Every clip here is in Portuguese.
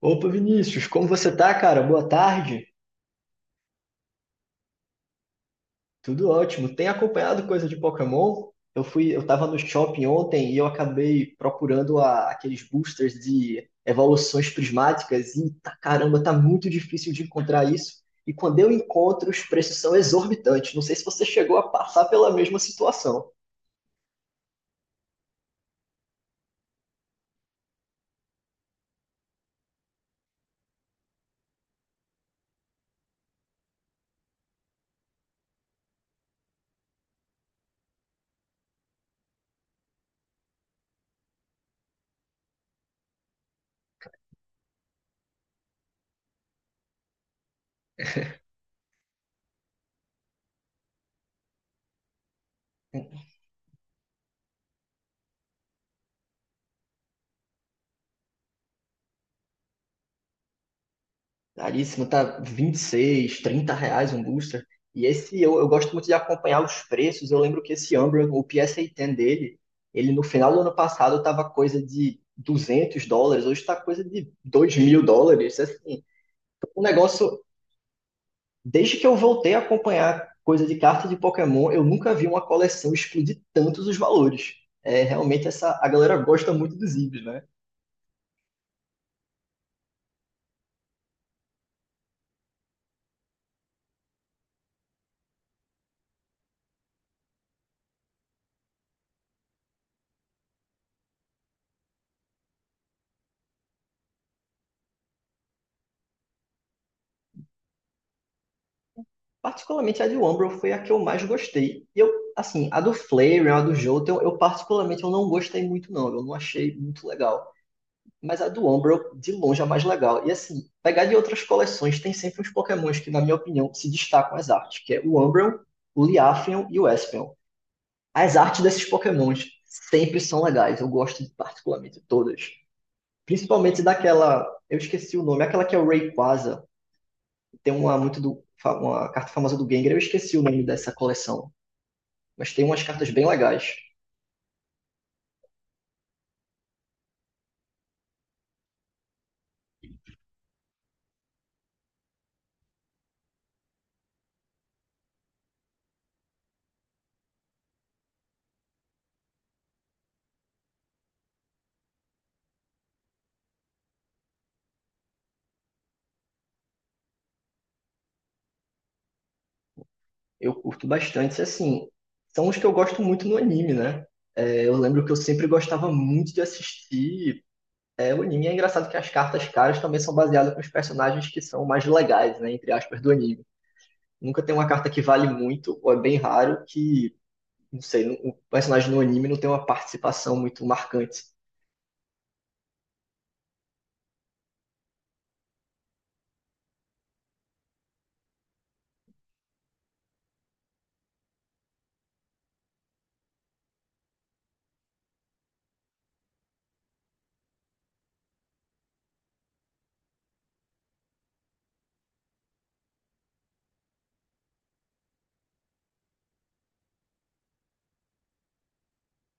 Opa, Vinícius, como você tá, cara? Boa tarde. Tudo ótimo. Tem acompanhado coisa de Pokémon? Eu tava no shopping ontem e eu acabei aqueles boosters de evoluções prismáticas e tá, caramba, tá muito difícil de encontrar isso. E quando eu encontro, os preços são exorbitantes. Não sei se você chegou a passar pela mesma situação. Caríssimo, tá 26, 30 reais um booster. E esse eu gosto muito de acompanhar os preços. Eu lembro que esse Umbra, o PSA-10 dele, ele no final do ano passado tava coisa de 200 dólares, hoje tá coisa de 2.000 dólares. Assim, um negócio, desde que eu voltei a acompanhar coisa de carta de Pokémon, eu nunca vi uma coleção explodir tantos os valores. É, realmente essa, a galera gosta muito dos IBs, né? Particularmente a de Umbro foi a que eu mais gostei. E eu, assim, a do Flareon, a do Jolteon, eu particularmente eu não gostei muito não, eu não achei muito legal. Mas a do Umbro, de longe, é a mais legal. E assim, pegar de outras coleções, tem sempre uns Pokémons que, na minha opinião, se destacam as artes, que é o Umbreon, o Liafeon e o Espeon. As artes desses Pokémons sempre são legais, eu gosto de particularmente todas. Principalmente daquela, eu esqueci o nome, aquela que é o Rayquaza, tem uma muito do uma carta famosa do Gengar, eu esqueci o nome dessa coleção, mas tem umas cartas bem legais. Eu curto bastante, assim, são os que eu gosto muito no anime, né? Eu lembro que eu sempre gostava muito de assistir o anime. É engraçado que as cartas caras também são baseadas nos personagens que são mais legais, né? Entre aspas, do anime. Nunca tem uma carta que vale muito, ou é bem raro, que, não sei, o personagem no anime não tem uma participação muito marcante.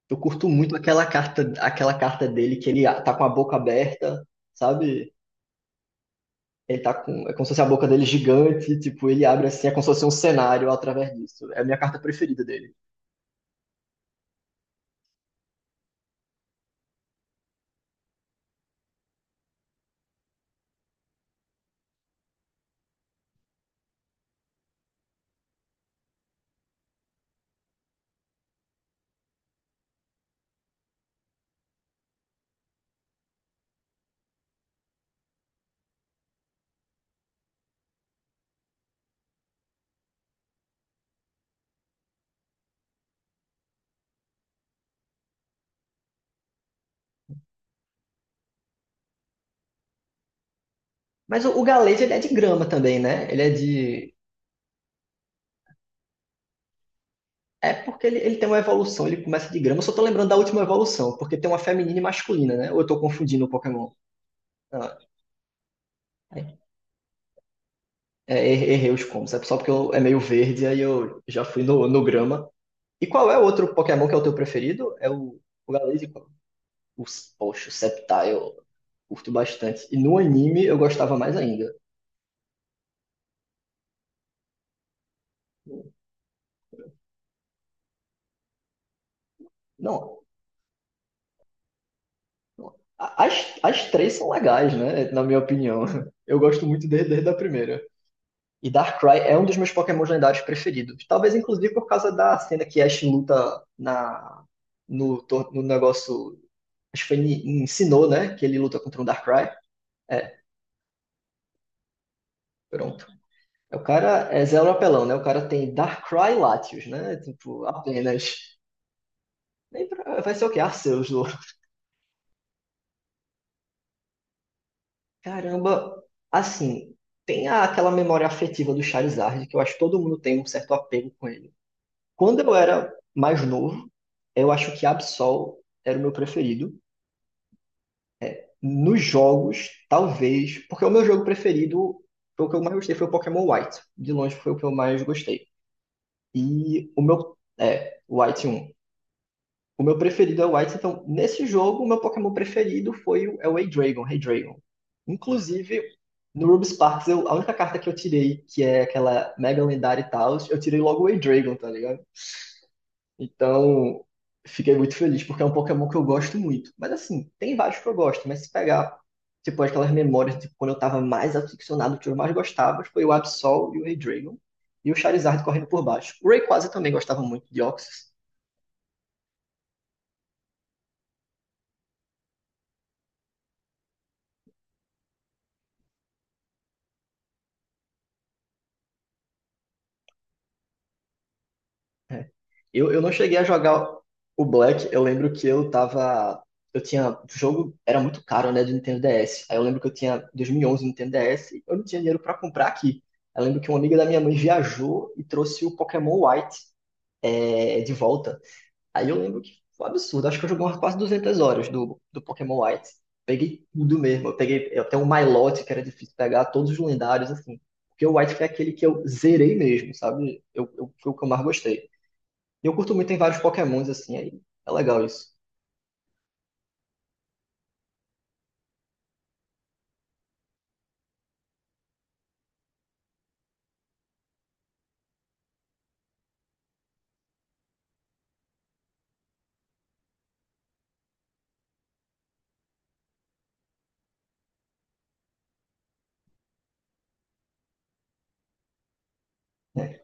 Eu curto muito aquela carta dele que tá com a boca aberta, sabe? Ele tá com. É como se fosse a boca dele gigante, tipo, ele abre assim, é como se fosse um cenário através disso. É a minha carta preferida dele. Mas o Galete, ele é de grama também, né? Ele é de. É porque ele tem uma evolução, ele começa de grama. Eu só tô lembrando da última evolução, porque tem uma feminina e masculina, né? Ou eu tô confundindo o Pokémon? Ah, é, é, errei os combos. É só porque é meio verde, aí eu já fui no grama. E qual é o outro Pokémon que é o teu preferido? É o Galete? Os, poxa, o Sceptile. Curto bastante. E no anime eu gostava mais ainda. Não, as, as três são legais, né? Na minha opinião. Eu gosto muito desde, desde a primeira. E Darkrai é um dos meus Pokémons lendários preferidos. Talvez, inclusive, por causa da cena que Ash luta na, no, no negócio. Acho que foi em Sinnoh, né? Que ele luta contra um Darkrai. É, pronto. É, o cara é zero apelão, né? O cara tem Darkrai Latios, né? Tipo, apenas. Nem pra- Vai ser o quê? Arceus, do Caramba, assim, aquela memória afetiva do Charizard, que eu acho que todo mundo tem um certo apego com ele. Quando eu era mais novo, eu acho que Absol era o meu preferido. Nos jogos, talvez, porque é o meu jogo preferido, foi o que eu mais gostei, foi o Pokémon White. De longe foi o que eu mais gostei. E o meu, é, o White um. O meu preferido é o Whites, então nesse jogo o meu Pokémon preferido foi é o Heydragon, Heydragon. Inclusive, no Ruby Sparks, eu, a única carta que eu tirei, que é aquela mega lendária e tal, eu tirei logo o Heydragon, tá ligado? Então, fiquei muito feliz, porque é um Pokémon que eu gosto muito. Mas assim, tem vários que eu gosto, mas se pegar, tipo, aquelas memórias de quando eu tava mais aficionado, que eu mais gostava, foi o Absol e o Heydragon, e o Charizard correndo por baixo. O Rayquaza eu também gostava muito de Oxys, né? Eu não cheguei a jogar o Black, eu lembro que eu tava. Eu tinha. O jogo era muito caro, né, do Nintendo DS. Aí eu lembro que eu tinha 2011 Nintendo DS e eu não tinha dinheiro pra comprar aqui. Eu lembro que uma amiga da minha mãe viajou e trouxe o Pokémon White de volta. Aí eu lembro que foi um absurdo. Acho que eu joguei umas quase 200 horas do Pokémon White. Peguei tudo mesmo. Eu peguei até o Milotic, que era difícil pegar, todos os lendários, assim. Porque o White foi aquele que eu zerei mesmo, sabe? Foi o que eu mais gostei. E eu curto muito, tem vários Pokémons assim, aí é legal isso, né?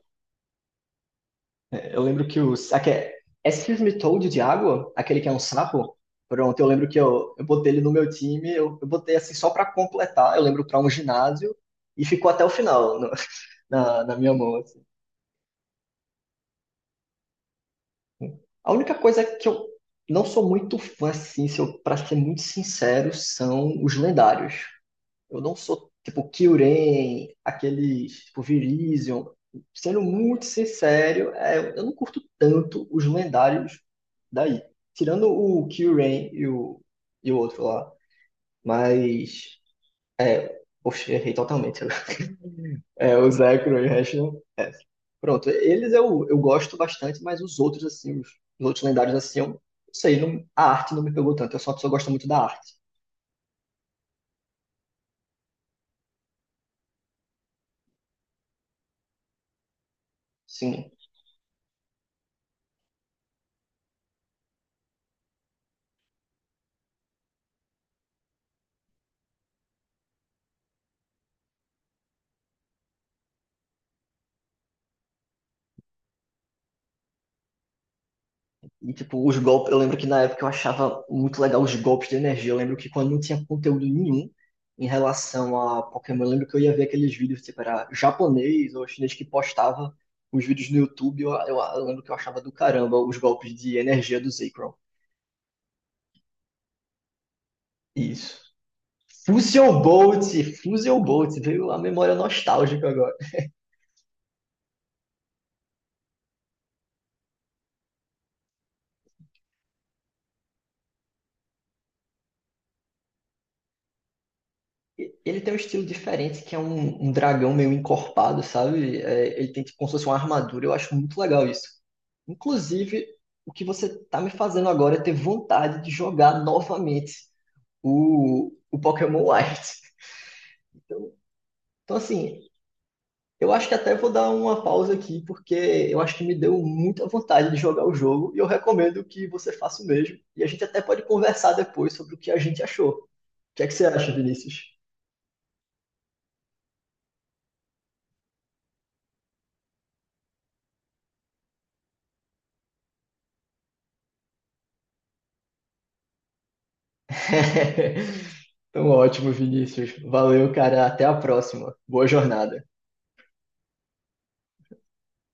Eu lembro que o. Aqui é, é excuse me, Toad de água, aquele que é um sapo. Pronto, eu lembro que eu botei ele no meu time, eu botei assim só pra completar, eu lembro pra um ginásio, e ficou até o final no- na, na minha mão. Assim. A única coisa que eu não sou muito fã, assim, se eu, pra ser muito sincero, são os lendários. Eu não sou tipo Kyurem, aqueles tipo Virizion. Sendo muito sincero, eu não curto tanto os lendários daí. Tirando o Kyurem e e o outro lá. Mas. É, poxa, errei totalmente. É, o Zekrom e o Rashleigh, é. Pronto, eles eu gosto bastante, mas os outros, assim, os outros lendários, assim, eu não sei, não, a arte não me pegou tanto. Eu sou uma pessoa que gosta muito da arte. Sim. E, tipo, os golpes. Eu lembro que na época eu achava muito legal os golpes de energia. Eu lembro que quando não tinha conteúdo nenhum em relação a Pokémon, eu lembro que eu ia ver aqueles vídeos, tipo, era japonês ou chinês que postava os vídeos no YouTube. Eu lembro que eu achava do caramba os golpes de energia do Zekrom. Isso. Fusion Bolt, Fusion Bolt, veio a memória nostálgica agora. Ele tem um estilo diferente, que é um dragão meio encorpado, sabe? É, ele tem tipo, como se fosse uma armadura, eu acho muito legal isso. Inclusive, o que você tá me fazendo agora é ter vontade de jogar novamente o Pokémon White. Então, então, assim, eu acho que até vou dar uma pausa aqui, porque eu acho que me deu muita vontade de jogar o jogo, e eu recomendo que você faça o mesmo. E a gente até pode conversar depois sobre o que a gente achou. O que é que você acha, Vinícius? Então, ótimo, Vinícius. Valeu, cara. Até a próxima. Boa jornada.